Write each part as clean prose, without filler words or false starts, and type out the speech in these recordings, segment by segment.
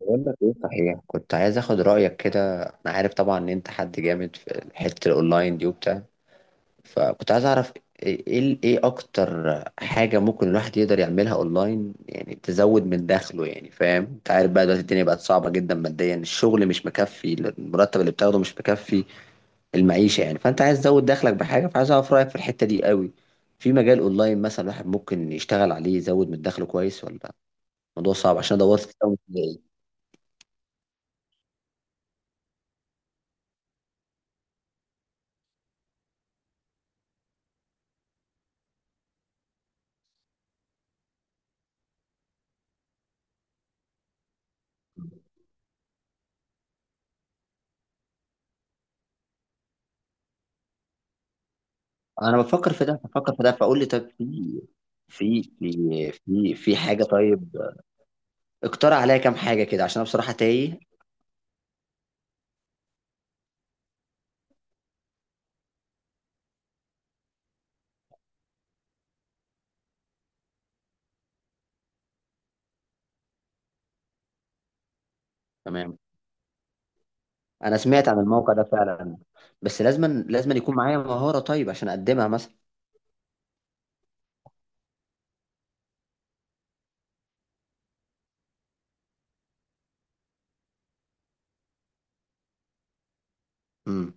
بقول لك ايه، صحيح كنت عايز اخد رايك كده. انا عارف طبعا ان انت حد جامد في حته الاونلاين دي وبتاع، فكنت عايز اعرف ايه ايه إيه اكتر حاجه ممكن الواحد يقدر يعملها اونلاين، يعني تزود من دخله. يعني فاهم، انت عارف بقى دلوقتي الدنيا بقت صعبه جدا ماديا، الشغل مش مكفي، المرتب اللي بتاخده مش مكفي المعيشه يعني. فانت عايز تزود دخلك بحاجه، فعايز اعرف رايك في الحته دي قوي. في مجال اونلاين مثلا الواحد ممكن يشتغل عليه يزود من دخله كويس ولا الموضوع صعب؟ عشان دورت كتير أوي. انا بفكر في ده بفكر في ده، فاقول لي طب في في حاجه؟ طيب اقترح عليا كام حاجه كده، عشان انا بصراحه تايه. تمام. انا سمعت عن الموقع ده فعلا، بس لازم يكون معايا مهاره طيب عشان اقدمها مثلا. امم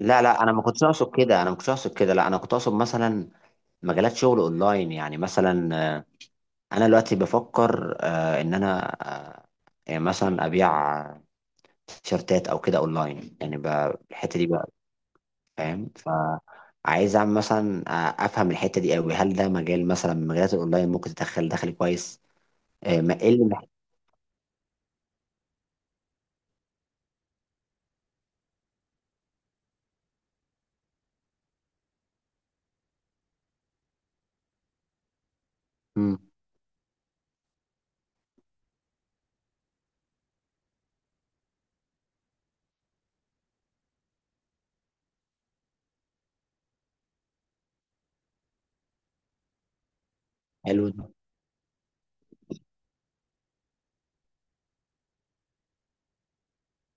لا لا، انا ما كنتش اقصد كده، انا ما كنتش اقصد كده. لا، انا كنت اقصد مثلا مجالات شغل اونلاين يعني. مثلا آه، انا دلوقتي بفكر ان انا آه، يعني مثلا ابيع تيشرتات او كده اونلاين، يعني الحته دي، فاهم؟ فعايز اعمل مثلا افهم الحته دي قوي. هل ده مجال مثلا من مجالات الاونلاين ممكن تدخل دخل كويس؟ ما ايه اللي محتاج؟ مم. حلو ده.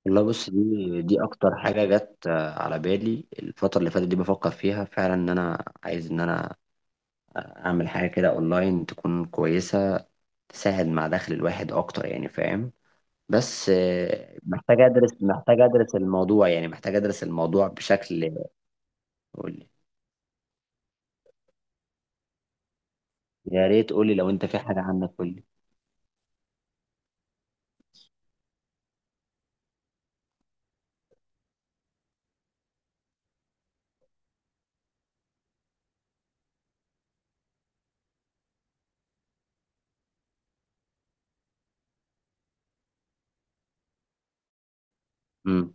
والله بص، دي اكتر حاجه جت على بالي الفتره اللي فاتت، دي بفكر فيها فعلا. ان انا عايز ان انا اعمل حاجه كده اونلاين تكون كويسه، تساعد مع دخل الواحد اكتر، يعني فاهم. بس محتاج ادرس، الموضوع يعني، محتاج ادرس الموضوع بشكل. قولي. يا ريت قولي، لو انت في حاجه عنك قولي. مم.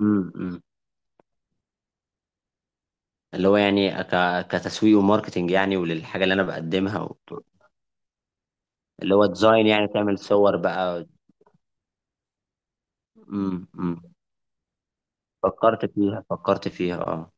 أمم. اللي هو يعني كتسويق وماركتنج يعني، وللحاجه اللي انا بقدمها اللي هو ديزاين، يعني تعمل صور بقى. أمم. فكرت فيها فكرت فيها، اه.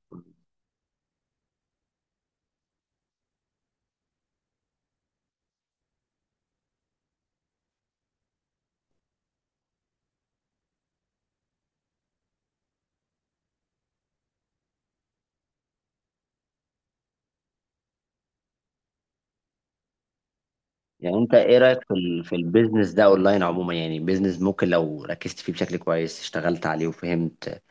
يعني انت ايه رايك في في البيزنس ده اونلاين عموما؟ يعني بيزنس ممكن لو ركزت فيه بشكل كويس، اشتغلت عليه وفهمت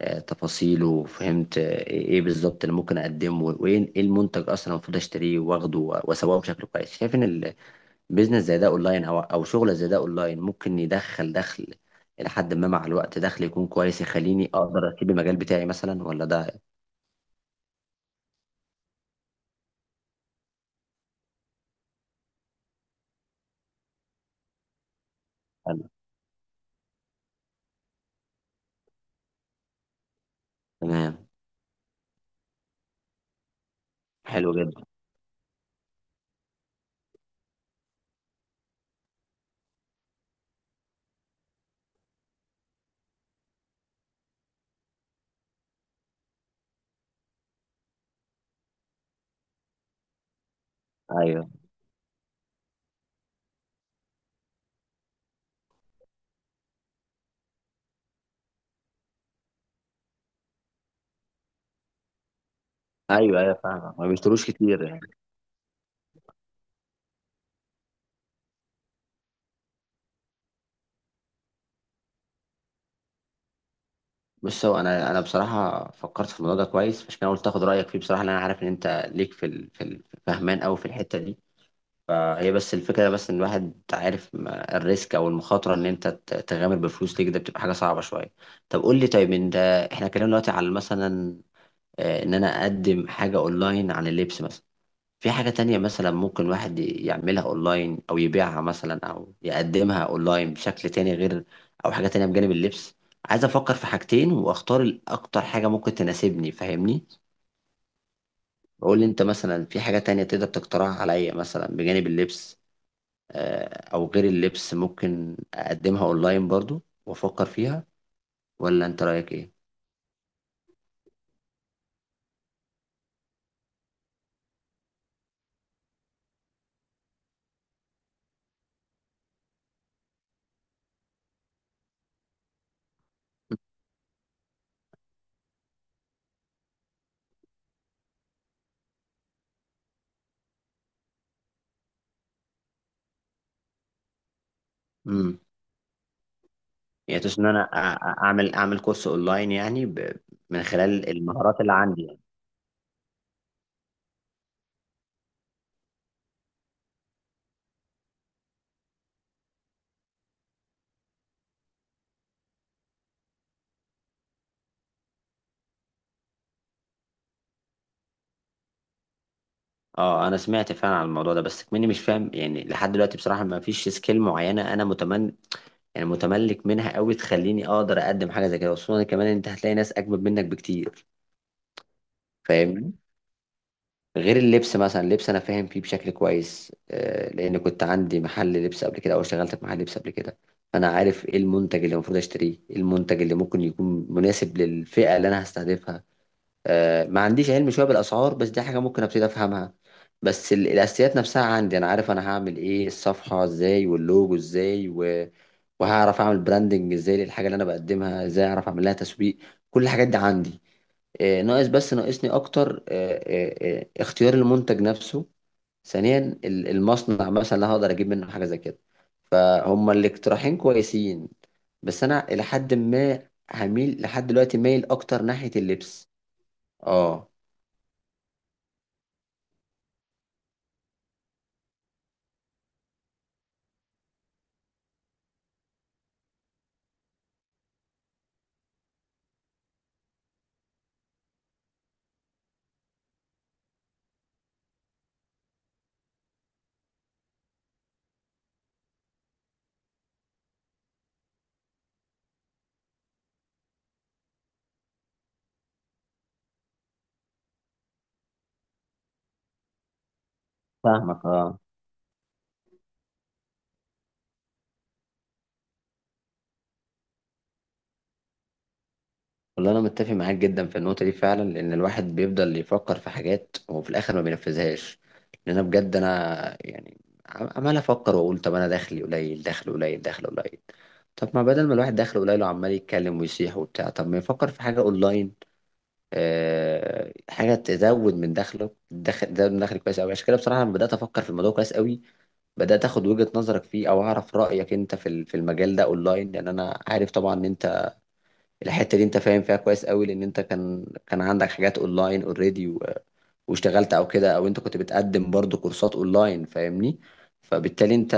تفاصيله، وفهمت إيه بالظبط اللي ممكن اقدمه، وايه إيه المنتج اصلا المفروض اشتريه واخده واسوقه بشكل كويس. شايف ان بيزنس زي ده اونلاين، او شغل زي ده اونلاين، ممكن يدخل دخل الى حد ما مع الوقت، دخل يكون كويس يخليني اقدر اسيب المجال بتاعي مثلا، ولا ده؟ حلو. تمام. حلو جدا. ايوه، ايوه، ايوه، فاهم، ما بيشتروش كتير يعني. بص، هو انا بصراحه فكرت في الموضوع ده كويس، عشان كده قلت اخد رايك فيه بصراحه، لان انا عارف ان انت ليك في فهمان قوي في الحته دي. فهي بس الفكره، بس ان الواحد عارف الريسك او المخاطره ان انت تغامر بفلوس ليك، ده بتبقى حاجه صعبه شويه. طب قول لي، طيب انت احنا اتكلمنا دلوقتي على مثلا ان انا اقدم حاجة اونلاين عن اللبس مثلا. في حاجة تانية مثلا ممكن واحد يعملها اونلاين، او يبيعها مثلا، او يقدمها اونلاين بشكل تاني غير او حاجة تانية بجانب اللبس؟ عايز افكر في حاجتين واختار الاكتر حاجة ممكن تناسبني، فاهمني؟ بقول لي انت مثلا، في حاجة تانية تقدر تقترحها عليا مثلا بجانب اللبس او غير اللبس، ممكن اقدمها اونلاين برضو وافكر فيها؟ ولا انت رايك ايه؟ يعني تقصد ان انا اعمل كورس اونلاين، يعني من خلال المهارات اللي عندي يعني؟ اه انا سمعت فعلا عن الموضوع ده، بس مني مش فاهم يعني لحد دلوقتي بصراحة. ما فيش سكيل معينة انا يعني متملك منها قوي تخليني اقدر اقدم حاجة زي كده، خصوصا كمان إن انت هتلاقي ناس اجمد منك بكتير، فاهمني؟ غير اللبس مثلا. اللبس انا فاهم فيه بشكل كويس لان كنت عندي محل لبس قبل كده، او اشتغلت في محل لبس قبل كده. فانا عارف ايه المنتج اللي المفروض اشتريه، إيه المنتج اللي ممكن يكون مناسب للفئة اللي انا هستهدفها. ما عنديش علم شويه بالاسعار، بس دي حاجه ممكن ابتدي افهمها. بس الاساسيات نفسها عندي، انا عارف انا هعمل ايه، الصفحه ازاي واللوجو ازاي، وهعرف اعمل براندنج ازاي للحاجه اللي انا بقدمها، ازاي اعرف اعمل لها تسويق. كل الحاجات دي عندي. ناقص، بس ناقصني اكتر اختيار المنتج نفسه. ثانيا المصنع مثلا اللي هقدر اجيب منه حاجه زي كده. فهم الاقتراحين كويسين، بس انا الى حد ما هميل، لحد دلوقتي مايل اكتر ناحيه اللبس. اه. فاهمك، اه. والله انا متفق معاك جدا في النقطه دي فعلا، لان الواحد بيفضل يفكر في حاجات وفي الاخر ما بينفذهاش. لان انا بجد انا يعني عمال افكر واقول طب انا دخلي قليل، دخل قليل، دخل قليل. طب ما بدل ما الواحد دخله قليل وعمال يتكلم ويصيح وبتاع، طب ما يفكر في حاجه اونلاين حاجه تزود من دخله، دخل تزود من دخل كويس قوي. عشان كده بصراحه انا بدات افكر في الموضوع كويس قوي، بدات اخد وجهه نظرك فيه او اعرف رايك انت في في المجال ده اونلاين، لان انا عارف طبعا ان انت الحته دي انت فاهم فيها كويس قوي، لان انت كان عندك حاجات اونلاين اوريدي، واشتغلت او كده، او انت كنت بتقدم برضو كورسات اونلاين، فاهمني؟ فبالتالي انت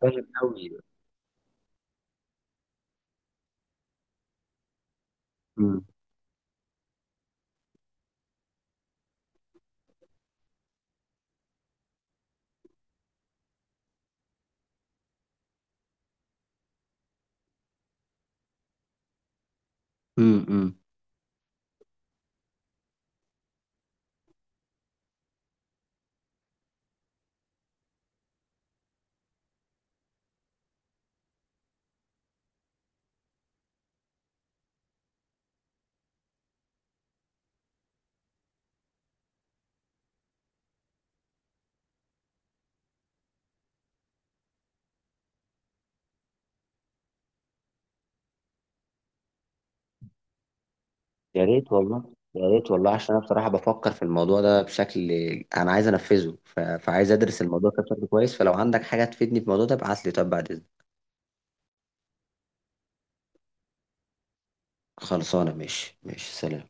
فاهم قوي. امم، امم. يا ريت والله، يا ريت والله، عشان انا بصراحه بفكر في الموضوع ده بشكل، انا عايز انفذه. فعايز ادرس الموضوع ده بشكل كويس، فلو عندك حاجه تفيدني في الموضوع ده ابعت لي، طب بعد اذنك. خلصانه. ماشي، ماشي، سلام.